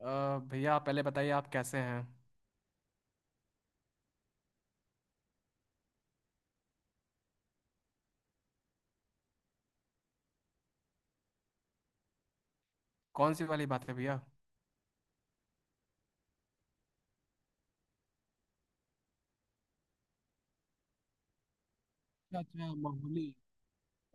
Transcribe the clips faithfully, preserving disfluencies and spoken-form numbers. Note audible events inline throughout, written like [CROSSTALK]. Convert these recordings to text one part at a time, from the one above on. अ, भैया आप पहले बताइए, आप कैसे हैं। कौन सी वाली बात है भैया? अच्छा अच्छा, माहुली।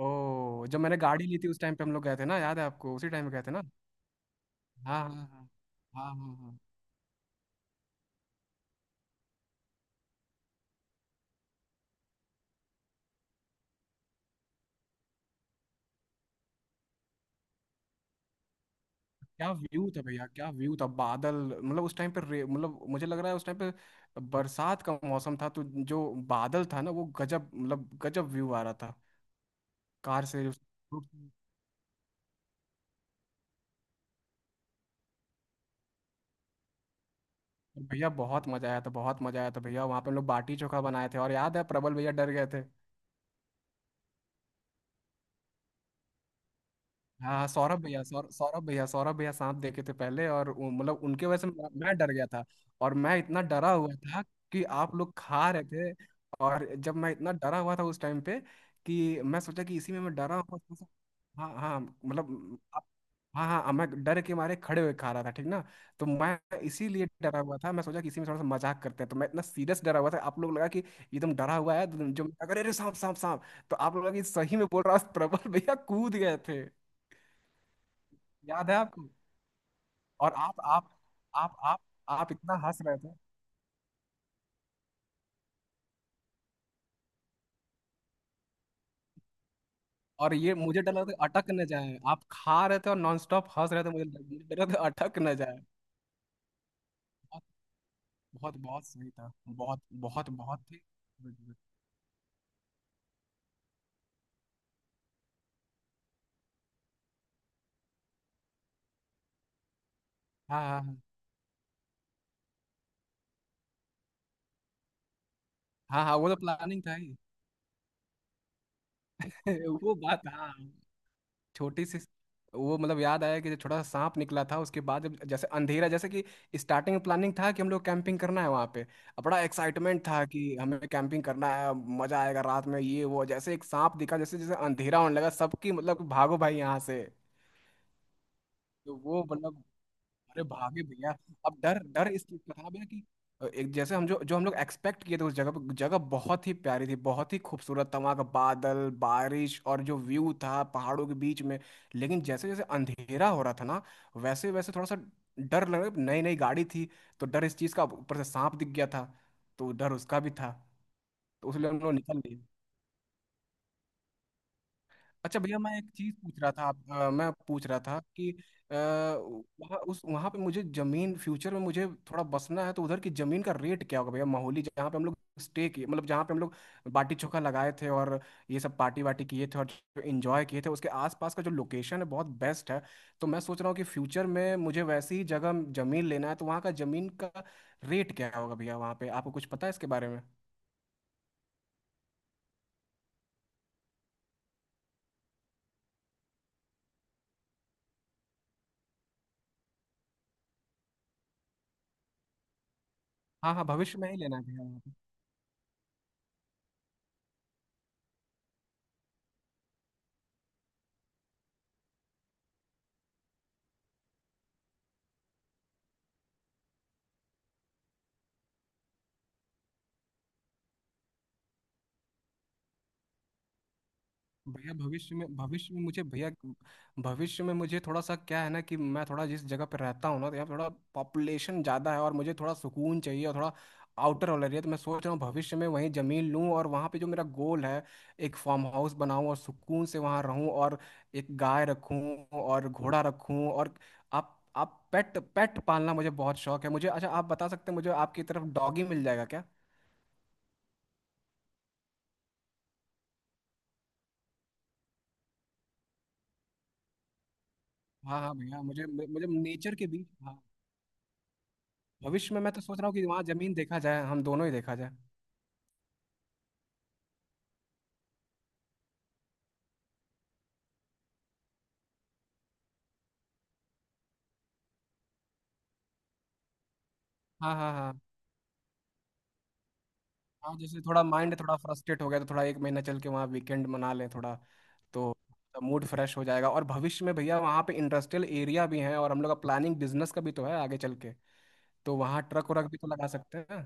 ओ, जब मैंने गाड़ी ली थी उस टाइम पे हम लोग गए थे ना, याद है आपको? उसी टाइम पे गए थे ना। हाँ हाँ हाँ हाँ हाँ हाँ। क्या व्यू था भैया, क्या व्यू था, बादल। मतलब उस टाइम पे रे- मतलब मुझे लग रहा है उस टाइम पे बरसात का मौसम था, तो जो बादल था ना वो गजब, मतलब गजब व्यू आ रहा था कार से उस- भैया बहुत मजा आया था, बहुत मजा आया था भैया, वहाँ पे हम लोग बाटी चोखा बनाए थे और याद है प्रबल भैया डर गए थे। हाँ हाँ, सौरभ भैया सौर सौरभ भैया सौरभ भैया सांप देखे थे पहले, और वो- मतलब उनके वजह से मैं मैं डर गया था। और मैं इतना डरा हुआ था कि आप लोग खा रहे थे। और जब मैं इतना डरा हुआ था उस टाइम पे, कि मैं सोचा कि इसी में मैं डरा हुआ था तो हाँ हाँ मतलब आप- हाँ हाँ, मैं डर के मारे खड़े हुए खा रहा था, ठीक ना। तो मैं इसीलिए डरा हुआ था, मैं सोचा कि इसी में थोड़ा सा मजाक करते हैं, तो मैं इतना सीरियस डरा हुआ था आप लोग लगा कि एकदम डरा हुआ है, तो जो अरे अरे सांप सांप सांप। तो आप लोग लगा कि सही में बोल रहा है, प्रबल भैया कूद गए थे। याद है आपको? और आप आप आप आप आप इतना हंस रहे थे। और ये मुझे डर लग रहा था अटक न जाए, आप खा रहे थे और नॉन स्टॉप हंस रहे थे, मुझे लग- मुझे डर रहा था अटक न जाए। बहुत। बहुत बहुत सही था, बहुत बहुत बहुत थी। हाँ हाँ हाँ हाँ हाँ, वो तो प्लानिंग था ही। [LAUGHS] वो बात, हाँ, छोटी सी। वो, मतलब याद आया कि जो छोटा सा सांप निकला था उसके बाद, जब जैसे अंधेरा, जैसे कि स्टार्टिंग में प्लानिंग था कि हम लोग कैंपिंग करना है वहाँ पे, अब बड़ा एक्साइटमेंट था कि हमें कैंपिंग करना है, मजा आएगा रात में ये वो, जैसे एक सांप दिखा, जैसे जैसे अंधेरा होने लगा सबकी मतलब भागो भाई यहाँ से। तो वो, मतलब अरे भागे भैया। अब डर डर इस चीज का था ना भैया कि एक जैसे हम जो जो हम लोग एक्सपेक्ट किए थे उस जगह पे, जगह बहुत ही प्यारी थी, बहुत ही खूबसूरत था वहाँ का बादल बारिश और जो व्यू था पहाड़ों के बीच में। लेकिन जैसे जैसे अंधेरा हो रहा था ना, वैसे वैसे थोड़ा सा डर लग रहा, नई नई गाड़ी थी, तो डर इस चीज का, ऊपर से सांप दिख गया था तो डर उसका भी था। तो उसलिए हम लोग निकल लिए। अच्छा भैया, मैं एक चीज पूछ रहा था आप, अ, मैं पूछ रहा था कि अ, वहाँ उस वहाँ पे मुझे जमीन फ्यूचर में मुझे थोड़ा बसना है, तो उधर की जमीन का रेट क्या होगा भैया? माहौली जहाँ पे हम लोग स्टे किए, मतलब जहाँ पे हम लोग बाटी चोखा लगाए थे और ये सब पार्टी वाटी किए थे और जो एंजॉय किए थे, उसके आसपास का जो लोकेशन है बहुत बेस्ट है। तो मैं सोच रहा हूँ कि फ्यूचर में मुझे वैसी ही जगह जमीन लेना है, तो वहाँ का जमीन का रेट क्या होगा भैया? वहाँ पे आपको कुछ पता है इसके बारे में? हाँ हाँ, भविष्य में ही लेना है भैया। भैया भविष्य में भविष्य में मुझे भैया, भविष्य में मुझे थोड़ा सा क्या है ना कि मैं थोड़ा जिस जगह पर रहता हूँ ना, तो यहाँ पे थोड़ा पॉपुलेशन ज़्यादा है और मुझे थोड़ा सुकून चाहिए और थोड़ा आउटर वाला एरिया, तो मैं सोच रहा हूँ भविष्य में वहीं ज़मीन लूँ और वहाँ पे जो मेरा गोल है, एक फार्म हाउस बनाऊँ और सुकून से वहाँ रहूँ, और एक गाय रखूँ और घोड़ा रखूँ, और आप आप पेट पेट पालना मुझे बहुत शौक है। मुझे, अच्छा, आप बता सकते हैं मुझे, आपकी तरफ डॉगी मिल जाएगा क्या? हाँ हाँ भैया, मुझे मुझे नेचर के बीच, हाँ। भविष्य में मैं तो सोच रहा हूँ कि वहाँ जमीन देखा जाए, हम दोनों ही देखा जाए। हाँ हाँ हाँ हाँ, जैसे थोड़ा माइंड थोड़ा फ्रस्ट्रेट हो गया तो थोड़ा एक महीना चल के वहाँ वीकेंड मना लें थोड़ा, तो मूड फ्रेश हो जाएगा। और भविष्य में भैया वहाँ पे इंडस्ट्रियल एरिया भी है और हम लोग का प्लानिंग बिजनेस का भी तो है आगे चल के, तो वहाँ ट्रक व्रक भी तो लगा सकते हैं।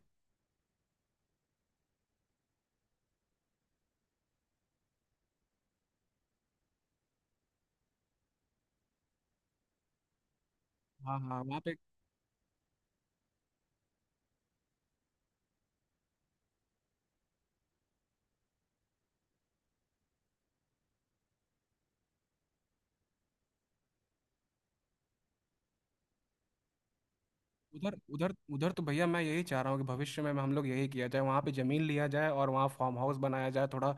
हाँ हाँ वहाँ पे, उधर उधर उधर तो भैया मैं यही चाह रहा हूँ कि भविष्य में हम लोग यही किया जाए, वहाँ पे जमीन लिया जाए और वहाँ फार्म हाउस बनाया जाए, थोड़ा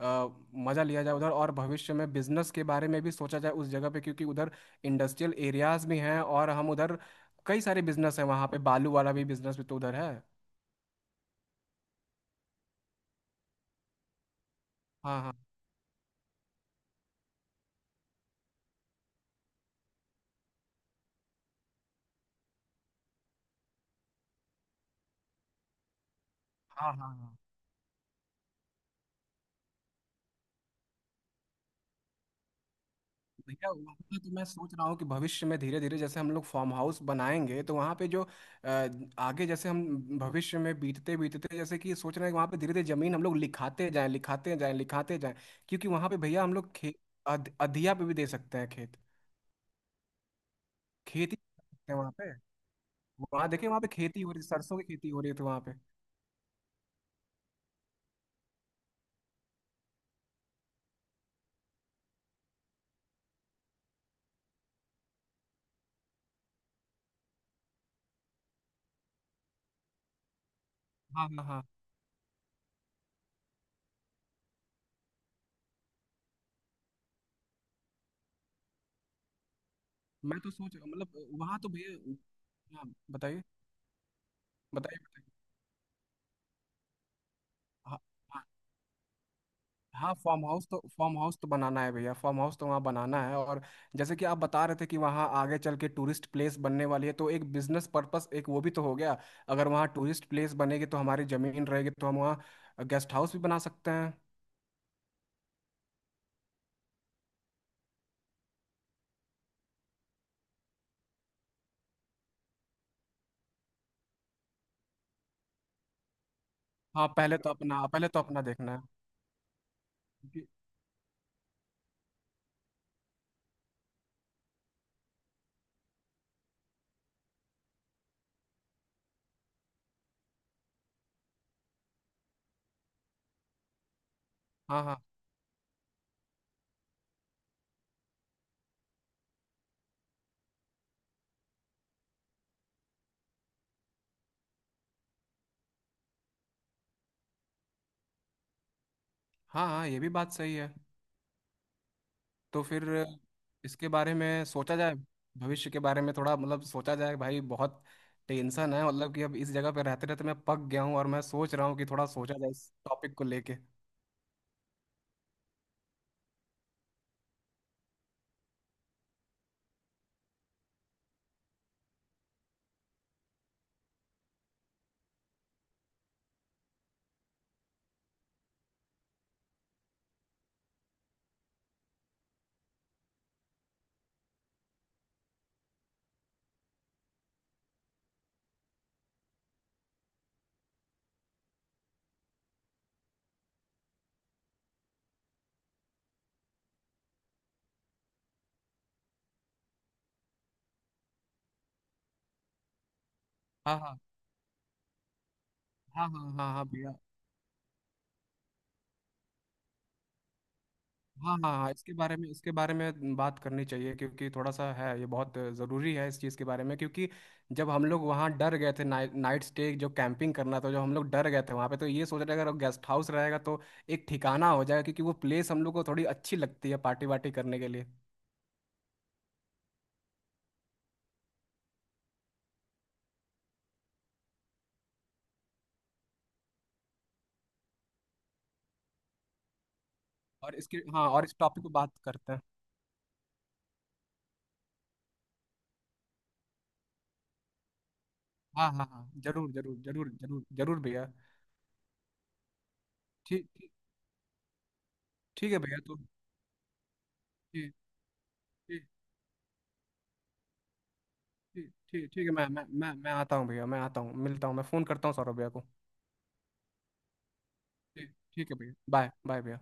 अ, मजा लिया जाए उधर, और भविष्य में बिजनेस के बारे में भी सोचा जाए उस जगह पे, क्योंकि उधर इंडस्ट्रियल एरियाज भी हैं, और हम उधर कई सारे बिजनेस हैं वहाँ पे, बालू वाला भी बिजनेस भी तो उधर है। हाँ हाँ हाँ हाँ हाँ भैया, वहाँ तो मैं सोच रहा हूँ कि भविष्य में धीरे धीरे जैसे हम लोग फार्म हाउस बनाएंगे, तो वहाँ पे जो अ, आगे जैसे हम भविष्य में बीतते बीतते जैसे कि सोच रहे हैं कि वहाँ पे धीरे धीरे जमीन हम लोग लिखाते जाएं लिखाते जाएं लिखाते जाएं, क्योंकि वहाँ पे भैया हम लोग खेत अध, अधिया पे भी दे सकते हैं, खेत खेती कर सकते हैं वहाँ पे। वहाँ देखिए, वहाँ पे खेती हो रही, सरसों की खेती हो रही थी वहाँ पे। हाँ हाँ हाँ, मैं तो सोच मतलब, वहाँ तो भैया, हाँ बताइए बताइए बताइए। हाँ हाँ, फार्म हाउस तो फार्म हाउस तो बनाना है भैया, फार्म हाउस तो वहाँ बनाना है, और जैसे कि आप बता रहे थे कि वहाँ आगे चल के टूरिस्ट प्लेस बनने वाली है, तो एक बिजनेस पर्पस, एक वो भी तो हो गया। अगर वहाँ टूरिस्ट प्लेस बनेगी तो हमारी जमीन रहेगी, तो हम वहाँ गेस्ट हाउस भी बना सकते हैं। हाँ, पहले तो अपना पहले तो अपना देखना है। क्योंकि- हाँ हाँ हाँ हाँ, ये भी बात सही है, तो फिर इसके बारे में सोचा जाए, भविष्य के बारे में थोड़ा मतलब सोचा जाए भाई। बहुत टेंशन है, मतलब कि अब इस जगह पे रहते रहते मैं पक गया हूँ और मैं सोच रहा हूँ कि थोड़ा सोचा जाए इस टॉपिक को लेके। हाँ हाँ हाँ हाँ हाँ हाँ भैया। हाँ हाँ, इसके बारे में इसके बारे में बात करनी चाहिए, क्योंकि थोड़ा सा है, ये बहुत ज़रूरी है इस चीज़ के बारे में, क्योंकि जब हम लोग वहाँ डर गए थे, नाइट नाइट स्टे जो कैंपिंग करना था, जो हम लोग डर गए थे वहाँ पे, तो ये सोच रहे अगर गेस्ट हाउस रहेगा तो एक ठिकाना हो जाएगा, क्योंकि वो प्लेस हम लोग को थोड़ी अच्छी लगती है पार्टी वार्टी करने के लिए। और इसके, हाँ, और इस टॉपिक पे बात करते हैं। हाँ हाँ हाँ जरूर जरूर जरूर जरूर जरूर भैया। ठीक ठीक ठीक है भैया, तो ठीक ठीक ठीक ठीक ठीक है, मैं मैं मैं मैं आता हूँ भैया, मैं आता हूँ, मिलता हूँ, मैं फ़ोन करता हूँ सौरभ भैया को। ठीक, ठीक है भैया, बाय बाय भैया।